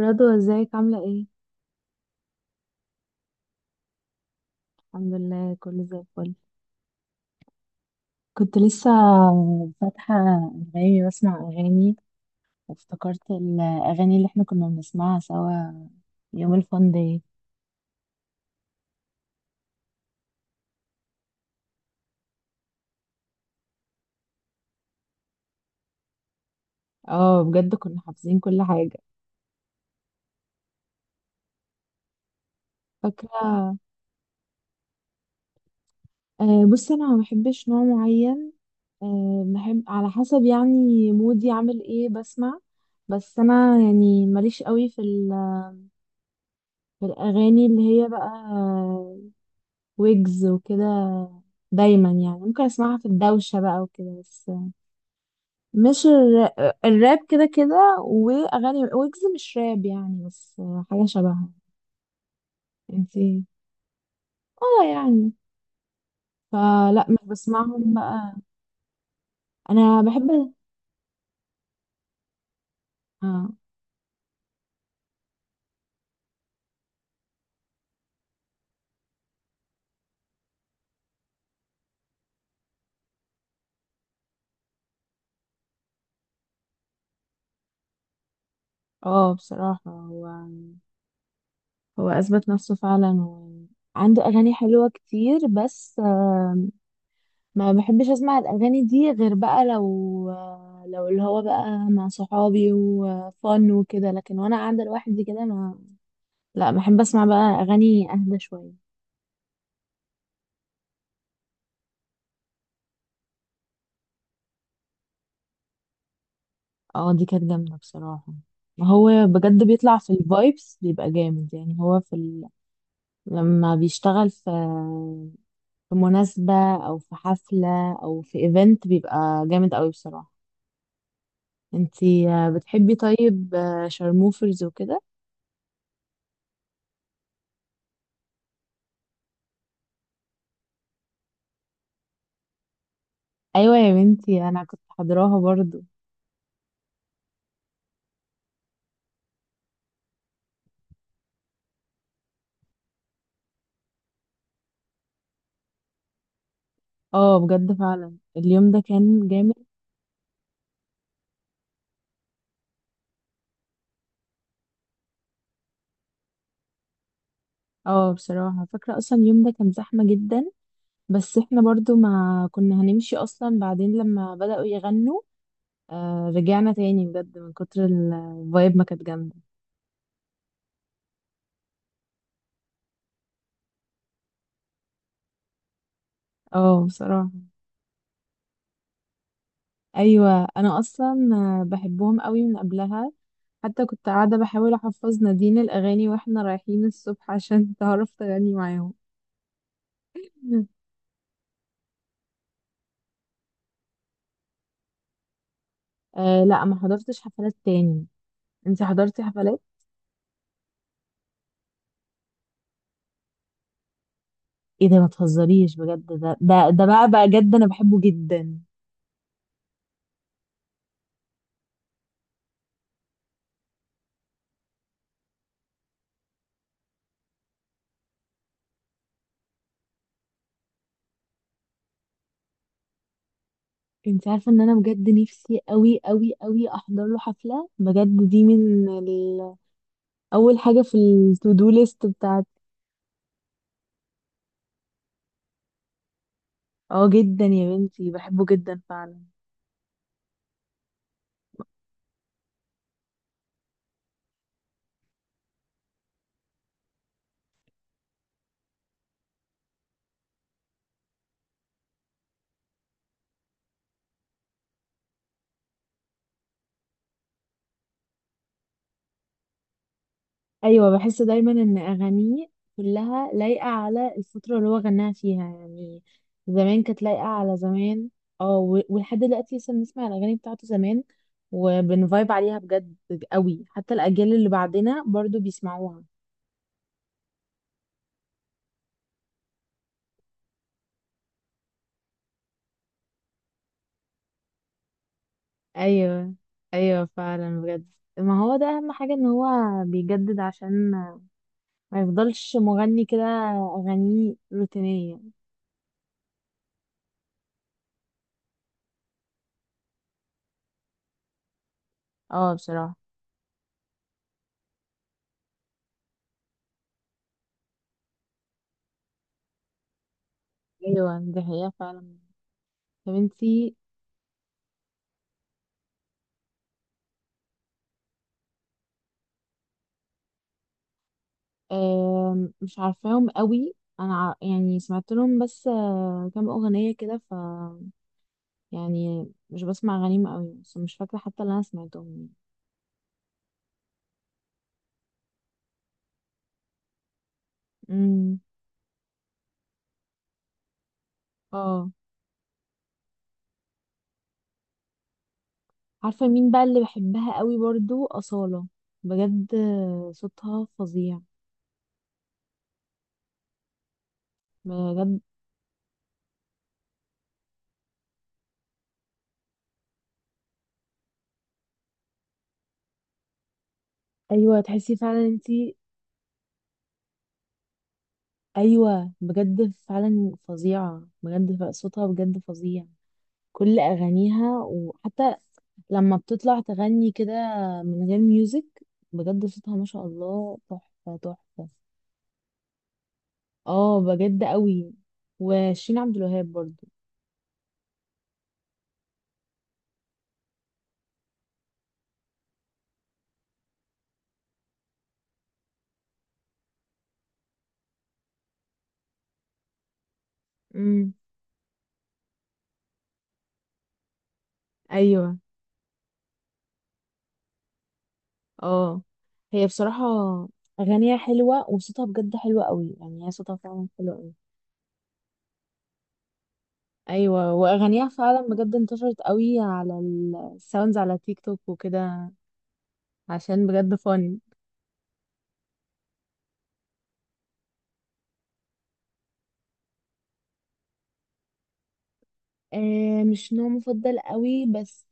رضوى، ازيك؟ عاملة ايه؟ الحمد لله، كله زي الفل. كنت لسه فاتحة أنغامي بسمع أغاني، وافتكرت الأغاني اللي احنا كنا بنسمعها سوا يوم الفان داي. اه، بجد كنا حافظين كل حاجة. فاكرة؟ آه، بصي، انا ما بحبش نوع معين. آه، بحب على حسب يعني مودي عامل ايه بسمع. بس انا يعني ماليش قوي في الاغاني اللي هي بقى ويجز وكده. دايما يعني ممكن اسمعها في الدوشة بقى وكده بس. مش الر... الراب كده كده، واغاني ويجز مش راب يعني، بس حاجة شبهها. انتي؟ اه يعني، فلا مش بسمعهم بقى. انا بحب. اه. اه، بصراحة، هو اثبت نفسه فعلا، وعنده اغاني حلوة كتير، بس ما بحبش اسمع الاغاني دي غير بقى لو، لو اللي هو بقى مع صحابي وفن وكده، لكن وانا قاعده لوحدي كده ما، لا، بحب اسمع بقى اغاني اهدى شويه. اه، دي كانت جامده بصراحه. ما هو بجد بيطلع في الفايبس بيبقى جامد، يعني هو لما بيشتغل في مناسبه او في حفله او في ايفنت بيبقى جامد قوي بصراحه. انتي بتحبي طيب شارموفرز وكده؟ ايوه يا بنتي، انا كنت حاضراها برضو. اه بجد، فعلا اليوم ده كان جامد. اه بصراحة، فاكرة اصلا اليوم ده كان زحمة جدا، بس احنا برضو ما كنا هنمشي اصلا، بعدين لما بدأوا يغنوا آه رجعنا تاني، بجد من كتر الفايب ما كانت جامدة. اه بصراحة. ايوه انا اصلا بحبهم قوي من قبلها، حتى كنت قاعدة بحاول احفظ نادين الاغاني واحنا رايحين الصبح عشان تعرف تغني معاهم. آه لا، ما حضرتش حفلات تاني. انت حضرتي حفلات؟ ايه ده؟ ما تهزريش بجد، ده بقى بقى جد، انا بحبه جدا. انت عارفه ان انا بجد نفسي قوي قوي قوي احضر له حفله؟ بجد، دي اول حاجه في التو دو ليست بتاعتي. اه جدا يا بنتي، بحبه جدا فعلا. ايوه، بحس دايما ان اغانيه كلها لايقه على الفتره اللي هو غناها فيها يعني. زمان كانت لايقه على زمان. اه، و- ولحد دلوقتي لسه بنسمع الاغاني بتاعته زمان وبنفايب عليها بجد قوي، حتى الاجيال اللي بعدنا برضو بيسمعوها. ايوه. ايوه فعلا بجد، ما هو ده اهم حاجه، ان هو بيجدد عشان ما يفضلش مغني كده اغانيه روتينيه. اه بصراحه. ايوه دي حقيقه فعلا. طب انتي؟ مش عارفاهم قوي. انا يعني سمعت لهم بس كام اغنيه كده، ف يعني مش بسمع اغانيهم قوي، بس مش فاكره حتى اللي انا سمعتهم يعني. امم اه. عارفه مين بقى اللي بحبها قوي برضو؟ اصاله. بجد صوتها فظيع. بجد. ايوه، تحسي فعلا، انتي؟ ايوه بجد فعلا فظيعه بجد، صوتها بجد فظيع. كل اغانيها، وحتى لما بتطلع تغني كده من غير ميوزك، بجد صوتها ما شاء الله تحفة تحفة. اه بجد قوي. وشيرين عبد الوهاب برضو. امم. ايوه. اه، هي بصراحة اغانيها حلوة وصوتها بجد حلو قوي، يعني هي صوتها فعلا حلو قوي. ايوه، واغانيها فعلا بجد انتشرت قوي على الساوندز على تيك توك وكده. عشان بجد فن. آه مش نوع مفضل قوي، بس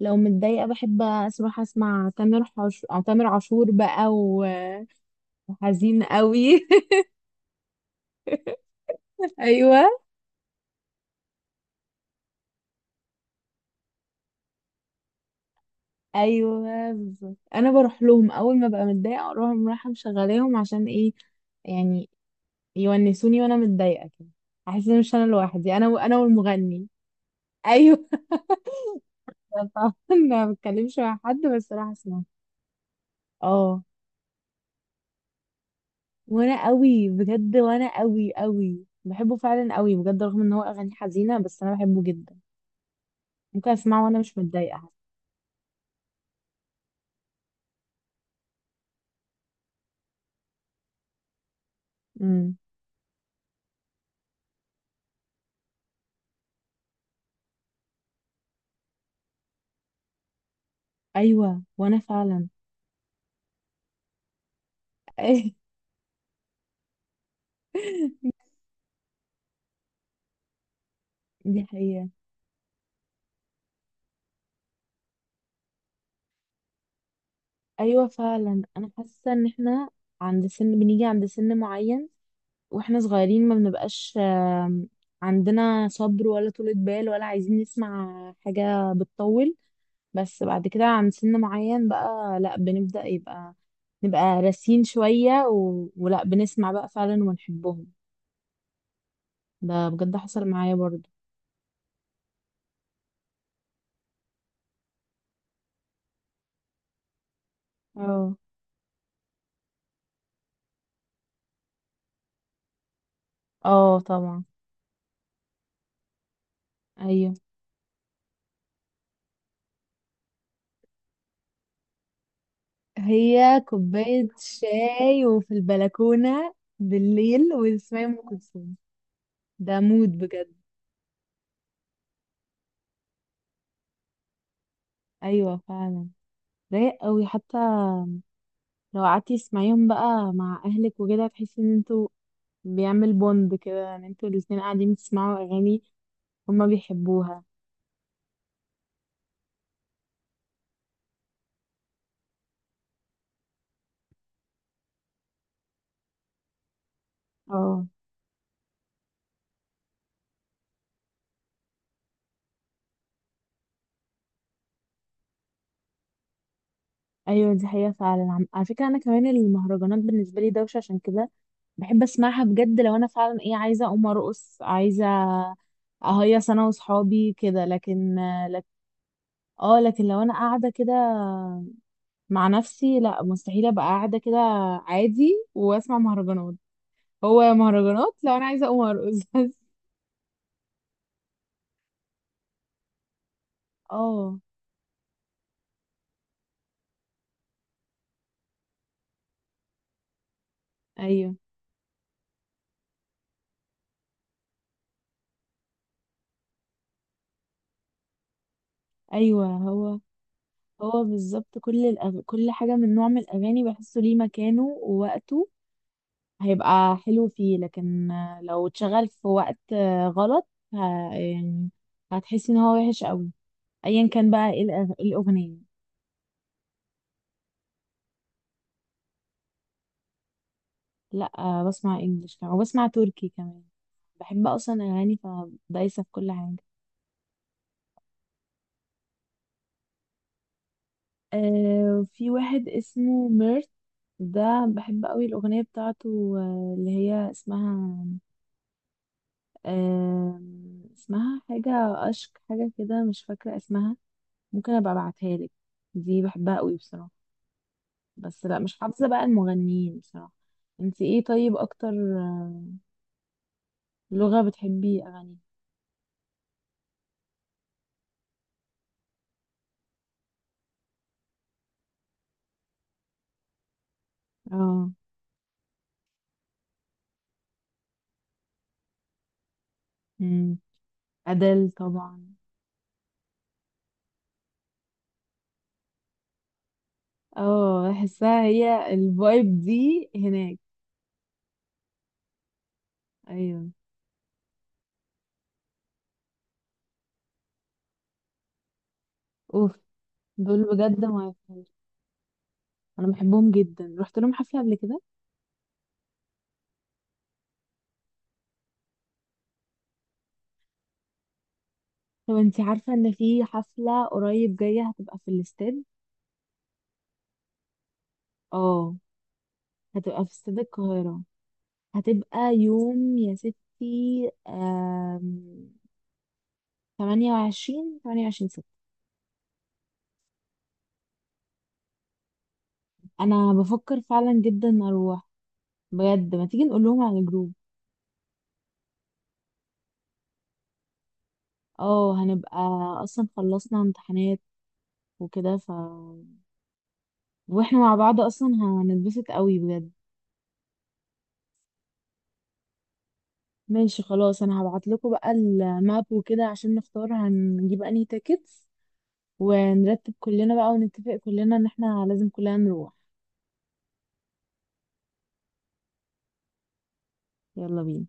لو متضايقة بحب أروح أسمع أو تامر عاشور بقى. وحزين قوي أيوة. أيوة بالظبط، أنا بروح لهم أول ما ببقى متضايقة، أروح رايحة مشغلاهم عشان إيه يعني يونسوني وأنا متضايقة كده، أحس إن مش أنا لوحدي، أنا أنا والمغني. أيوة طبعا. ما بتكلمش مع حد، بس راح أسمع. اه، وأنا قوي بجد، وأنا قوي قوي بحبه فعلا قوي بجد، رغم إن هو أغاني حزينة، بس أنا بحبه جدا. ممكن أسمعه وأنا مش متضايقة. امم. ايوه. وانا فعلا دي حقيقة. ايوه فعلا انا حاسة ان احنا عند سن معين، واحنا صغيرين ما بنبقاش، عندنا صبر، ولا طولة بال، ولا عايزين نسمع حاجة بتطول. بس بعد كده عند سن معين بقى لا، بنبدأ يبقى نبقى راسين شوية ولا بنسمع بقى فعلا ونحبهم. ده بجد حصل معايا برضه. اه. اه طبعا. ايوه، هي كوباية شاي وفي البلكونة بالليل وتسمعي أم كلثوم. ده مود بجد. أيوة فعلا. رايق قوي، حتى لو قعدتي تسمعيهم بقى مع أهلك وكده، تحسي إن انتوا بيعمل بوند كده، إن انتوا الاتنين قاعدين بتسمعوا أغاني هما بيحبوها. اه. أيوة دي حقيقة فعلا. على فكرة، أنا كمان المهرجانات بالنسبة لي دوشة، عشان كده بحب أسمعها بجد لو أنا فعلا إيه، عايزة أقوم أرقص، عايزة أهيص أنا وصحابي كده. لكن اه، لكن لو انا قاعده كده مع نفسي، لا مستحيل ابقى قاعده كده عادي واسمع مهرجانات. هو مهرجانات لو انا عايزه اقوم ارقص بس. اه. ايوه. ايوه. هو بالظبط، كل حاجه من نوع من الاغاني بحسه ليه مكانه ووقته، هيبقى حلو فيه. لكن لو اتشغل في وقت غلط، ه... يعني هتحسي ان هو وحش قوي، ايا كان بقى ايه الاغنيه. لا بسمع انجلش كمان، وبسمع تركي كمان. بحب اصلا اغاني، فدايسه في كل حاجه. آه في واحد اسمه ميرت، ده بحب قوي الاغنيه بتاعته اللي هي اسمها، آه اسمها حاجه، اشك حاجه كده، مش فاكره اسمها. ممكن ابقى ابعتها لك. دي بحبها قوي بصراحه. بس لا، مش حافظه بقى المغنيين بصراحه. انت ايه طيب اكتر آه، لغه بتحبي اغاني؟ اه. أمم. ادل طبعا. اه، بحسها هي الفايب دي هناك. ايوه. اوف. دول بجد ما يفهمش، انا بحبهم جدا، رحت لهم حفله قبل كده. طب انتي عارفه ان في حفله قريب جايه هتبقى في الاستاد؟ اه، هتبقى في استاد القاهره. هتبقى يوم يا ستي 28 ستة. انا بفكر فعلا جدا اروح، بجد ما تيجي نقول لهم على الجروب. اه هنبقى، اصلا خلصنا امتحانات وكده، واحنا مع بعض اصلا هنتبسط قوي بجد. ماشي خلاص، انا هبعت لكم بقى الماب وكده عشان نختار هنجيب انهي تيكتس، ونرتب كلنا بقى ونتفق كلنا ان احنا لازم كلنا نروح. يلا بينا.